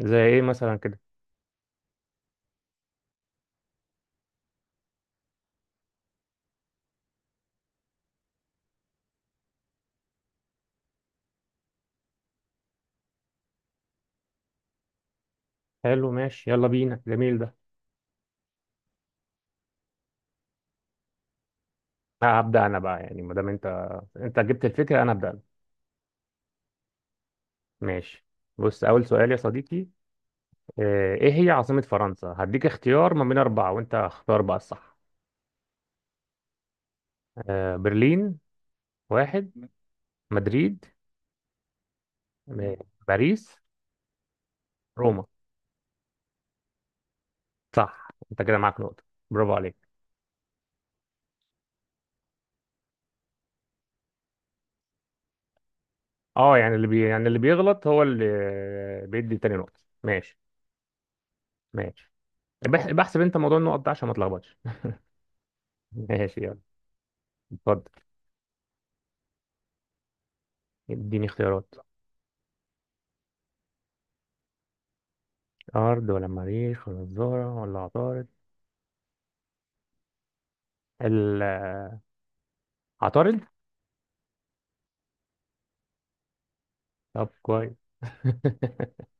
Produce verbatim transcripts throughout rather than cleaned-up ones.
زي ايه مثلا كده حلو ماشي يلا بينا جميل ده. لا هبدأ انا بقى يعني ما دام انت انت جبت الفكرة انا هبدأ أنا. ماشي، بص اول سؤال يا صديقي. آه، ايه هي عاصمة فرنسا؟ هديك اختيار ما بين اربعة وانت اختار بقى الصح. آه، برلين واحد، مدريد، م- باريس، روما. صح، انت كده معاك نقطة، برافو عليك. اه يعني اللي بي... يعني اللي بيغلط هو اللي بيدي تاني نقطة، ماشي. ماشي، بح- بحسب انت موضوع النقط ده عشان ما تلخبطش. ماشي يلا. اتفضل، اديني اختيارات. أرض ولا مريخ ولا الزهرة ولا عطارد؟ ال- عطارد. طب كويس.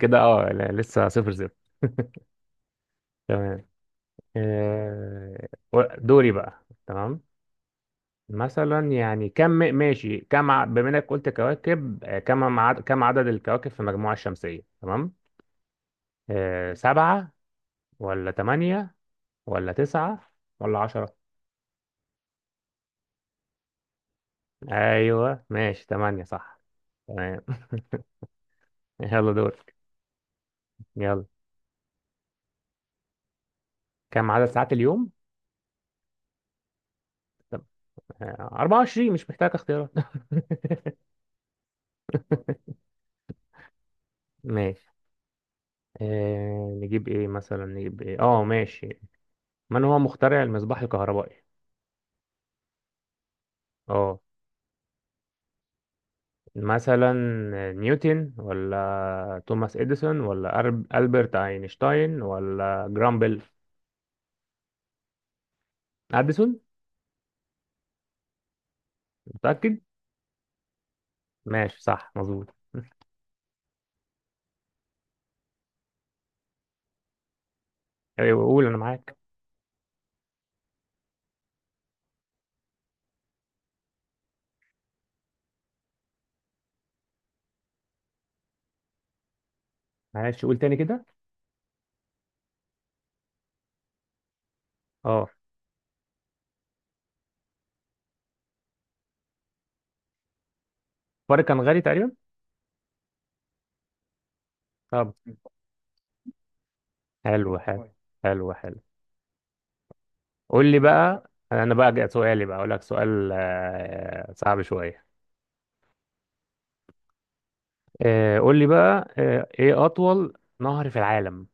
كده اه لا، لسه صفر صفر. تمام. آه، دوري بقى، تمام. مثلا يعني كم، ماشي كم ع- بما انك قلت كواكب، آه، كم عدد، كم عدد الكواكب في المجموعة الشمسية؟ تمام. آه، سبعة ولا تمانية ولا تسعة ولا عشرة؟ ايوه ماشي، تمانية صح. تمام. يلا دورك. يلا، كم عدد ساعات اليوم؟ آه، أربعة وعشرين مش محتاج اختيارات. ماشي. آه نجيب ايه مثلا، نجيب ايه، اه ماشي. من هو مخترع المصباح الكهربائي؟ اه مثلا، نيوتن ولا توماس اديسون ولا أرب- البرت اينشتاين ولا جرام بيل؟ اديسون. متأكد؟ ماشي صح مظبوط. أيوة، قول انا معاك. معلش قول تاني كده. اه، الفرق كان غالي تقريبا. طب حلو حلو، حلو حلو. قول لي بقى، انا بقى جاء سؤالي، بقى اقول لك سؤال، آه، صعب شويه. آه، قول لي بقى. آه، ايه اطول نهر في العالم؟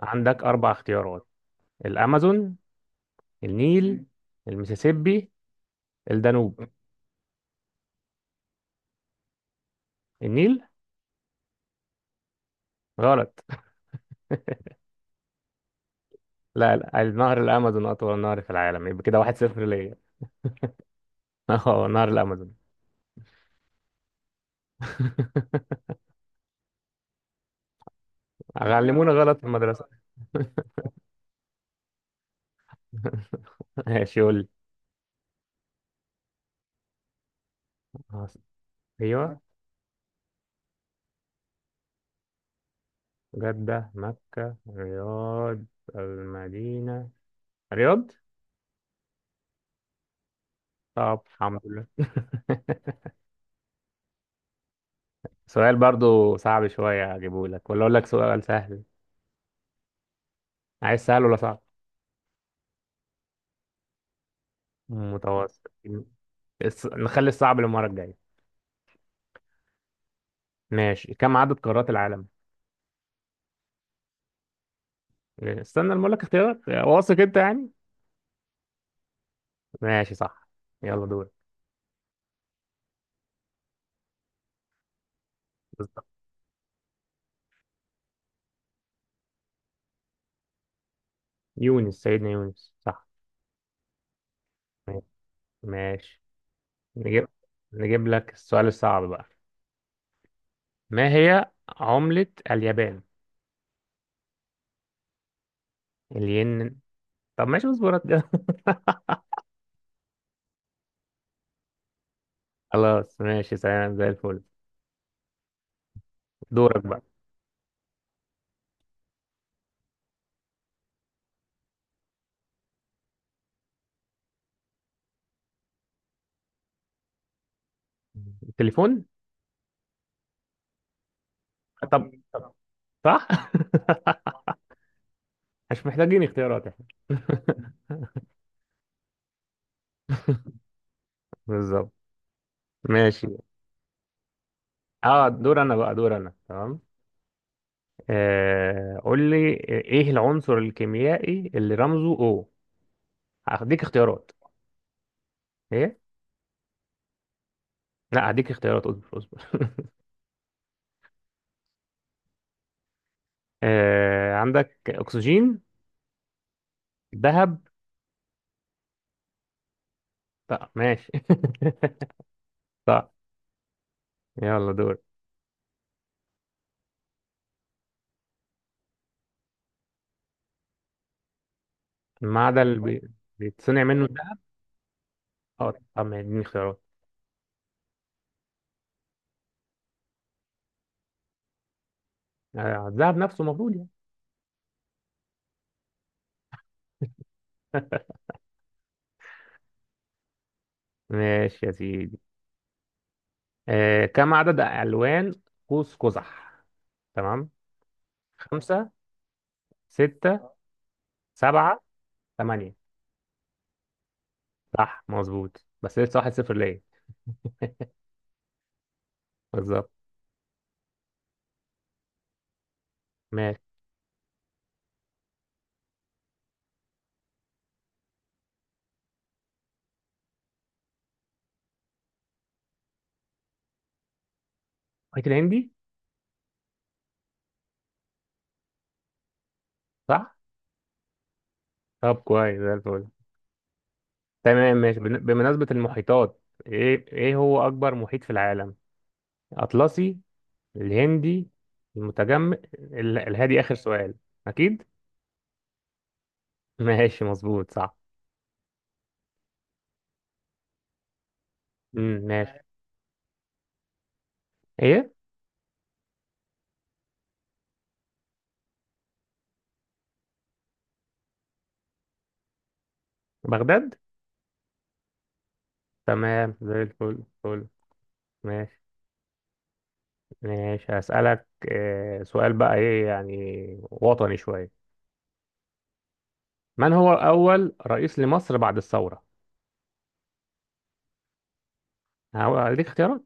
عندك اربع اختيارات: الامازون، النيل، المسيسيبي، الدانوب. النيل؟ غلط. لا لا، النهر الامازون اطول نهر في العالم، يبقى كده واحد صفر ليا. اه نهر الامازون. علمونا غلط في المدرسه. ماشي قول لي. عاص- ايوه، جده، مكه، رياض، المدينه. رياض. طب الحمد لله. سؤال برضو صعب شوية أجيبه لك، ولا أقول لك سؤال سهل؟ عايز سهل ولا صعب؟ متوسط؟ الص- نخلي الصعب للمرة الجاية. ماشي، كم عدد قارات العالم؟ استنى لما أقول لك اختيارات، واثق أنت يعني؟ ماشي صح. يلا دور. بالظبط. يونس، سيدنا يونس صح. ماشي. ماشي. نجيب، نجيب لك السؤال الصعب بقى. ما هي عملة اليابان؟ الين. طب ماشي اصبر كده. خلاص ماشي، سلام زي الفل. دورك بقى. التليفون. طب طب، صح. مش محتاجين اختيارات احنا. بالظبط. ماشي. اه دور انا بقى، دور انا تمام. آه قول لي. ايه العنصر الكيميائي اللي رمزه او؟ هديك اختيارات. ايه؟ لا هديك اختيارات، اصبر اصبر. آه عندك اكسجين، ذهب. طب ماشي. صح. يلا دور. المعدن اللي بي- بيتصنع منه الذهب. اه طب ما اديني اختيارات. آه، الذهب نفسه المفروض يعني. ماشي يا سيدي. آه، كم عدد ألوان قوس قزح؟ تمام. خمسة، ستة، سبعة، ثمانية. صح مظبوط، بس لسه واحد صفر ليا. بالظبط. ماشي. محيط الهندي. صح. طب كويس زي الفل. تمام ماشي، بن- بمناسبة المحيطات، ايه، ايه هو أكبر محيط في العالم؟ أطلسي، الهندي، المتجمد، ال- الهادي. آخر سؤال. أكيد. ماشي مظبوط صح. امم ماشي. ايه. بغداد. تمام زي الفل فل. ماشي. ماشي هسألك آه، سؤال بقى، ايه يعني، وطني شوية. من هو أول رئيس لمصر بعد الثورة؟ هو- هديك اختيارات.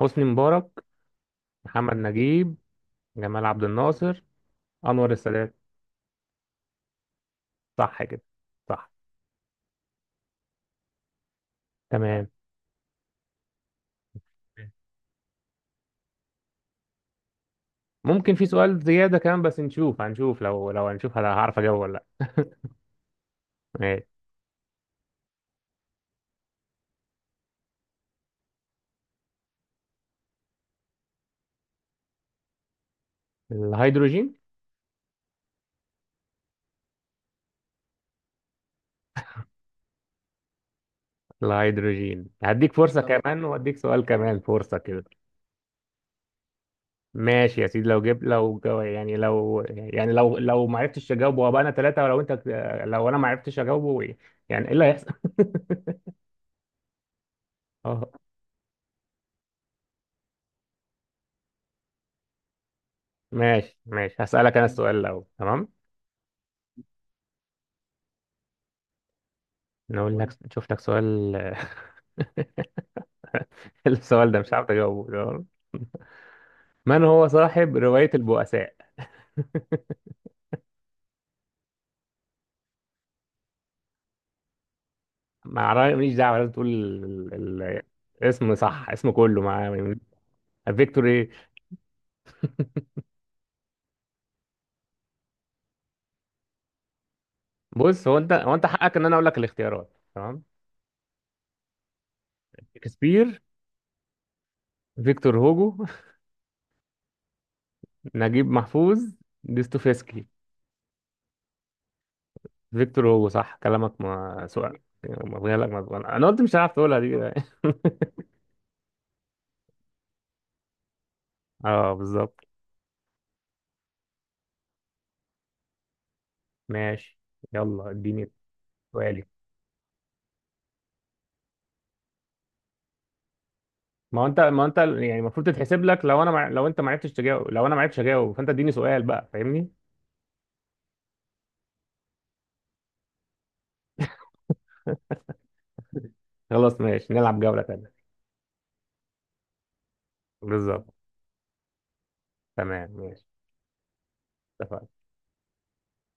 حسني مبارك، محمد نجيب، جمال عبد الناصر، أنور السادات. صح كده، صح. تمام. ممكن في سؤال زيادة كمان، بس نشوف، هنشوف لو لو هنشوف هل هعرف أجاوب ولا لأ. ماشي. الهيدروجين. الهيدروجين هديك فرصة، طب كمان وأديك سؤال كمان فرصة كده. ماشي يا سيدي، لو جبت، لو جو- يعني لو، يعني لو لو ما عرفتش اجاوبه وابقى انا ثلاثة، ولو انت، لو انا ما عرفتش اجاوبه يعني ايه اللي هيحصل؟ اه. ماشي، ماشي هسألك انا السؤال لو تمام. نقول لك، قول شوف لك سؤال. السؤال ده مش عارف اجاوبه، تمام. من هو صاحب رواية البؤساء؟ ما أعرف- ماليش دعوة، لازم تقول ال... ال... اسم صح، اسمه كله مع فيكتور ايه. بص، هو انت، هو انت حقك ان انا اقول لك الاختيارات، تمام. شكسبير، فيكتور هوجو، نجيب محفوظ، دوستويفسكي. فيكتور هوجو صح كلامك، ما سؤال. مغيالك مغيالك، انا قلت مش هعرف تقولها دي. اه بالظبط. ماشي، يلا اديني سؤالي. ما هو انت، ما هو انت يعني المفروض تتحسب لك، لو انا مع... لو انت ما عرفتش تجاوب، لو انا ما عرفتش اجاوب، فانت اديني سؤال بقى، فاهمني؟ خلاص ماشي، نلعب جولة تانية. بالظبط. تمام ماشي. اتفقنا.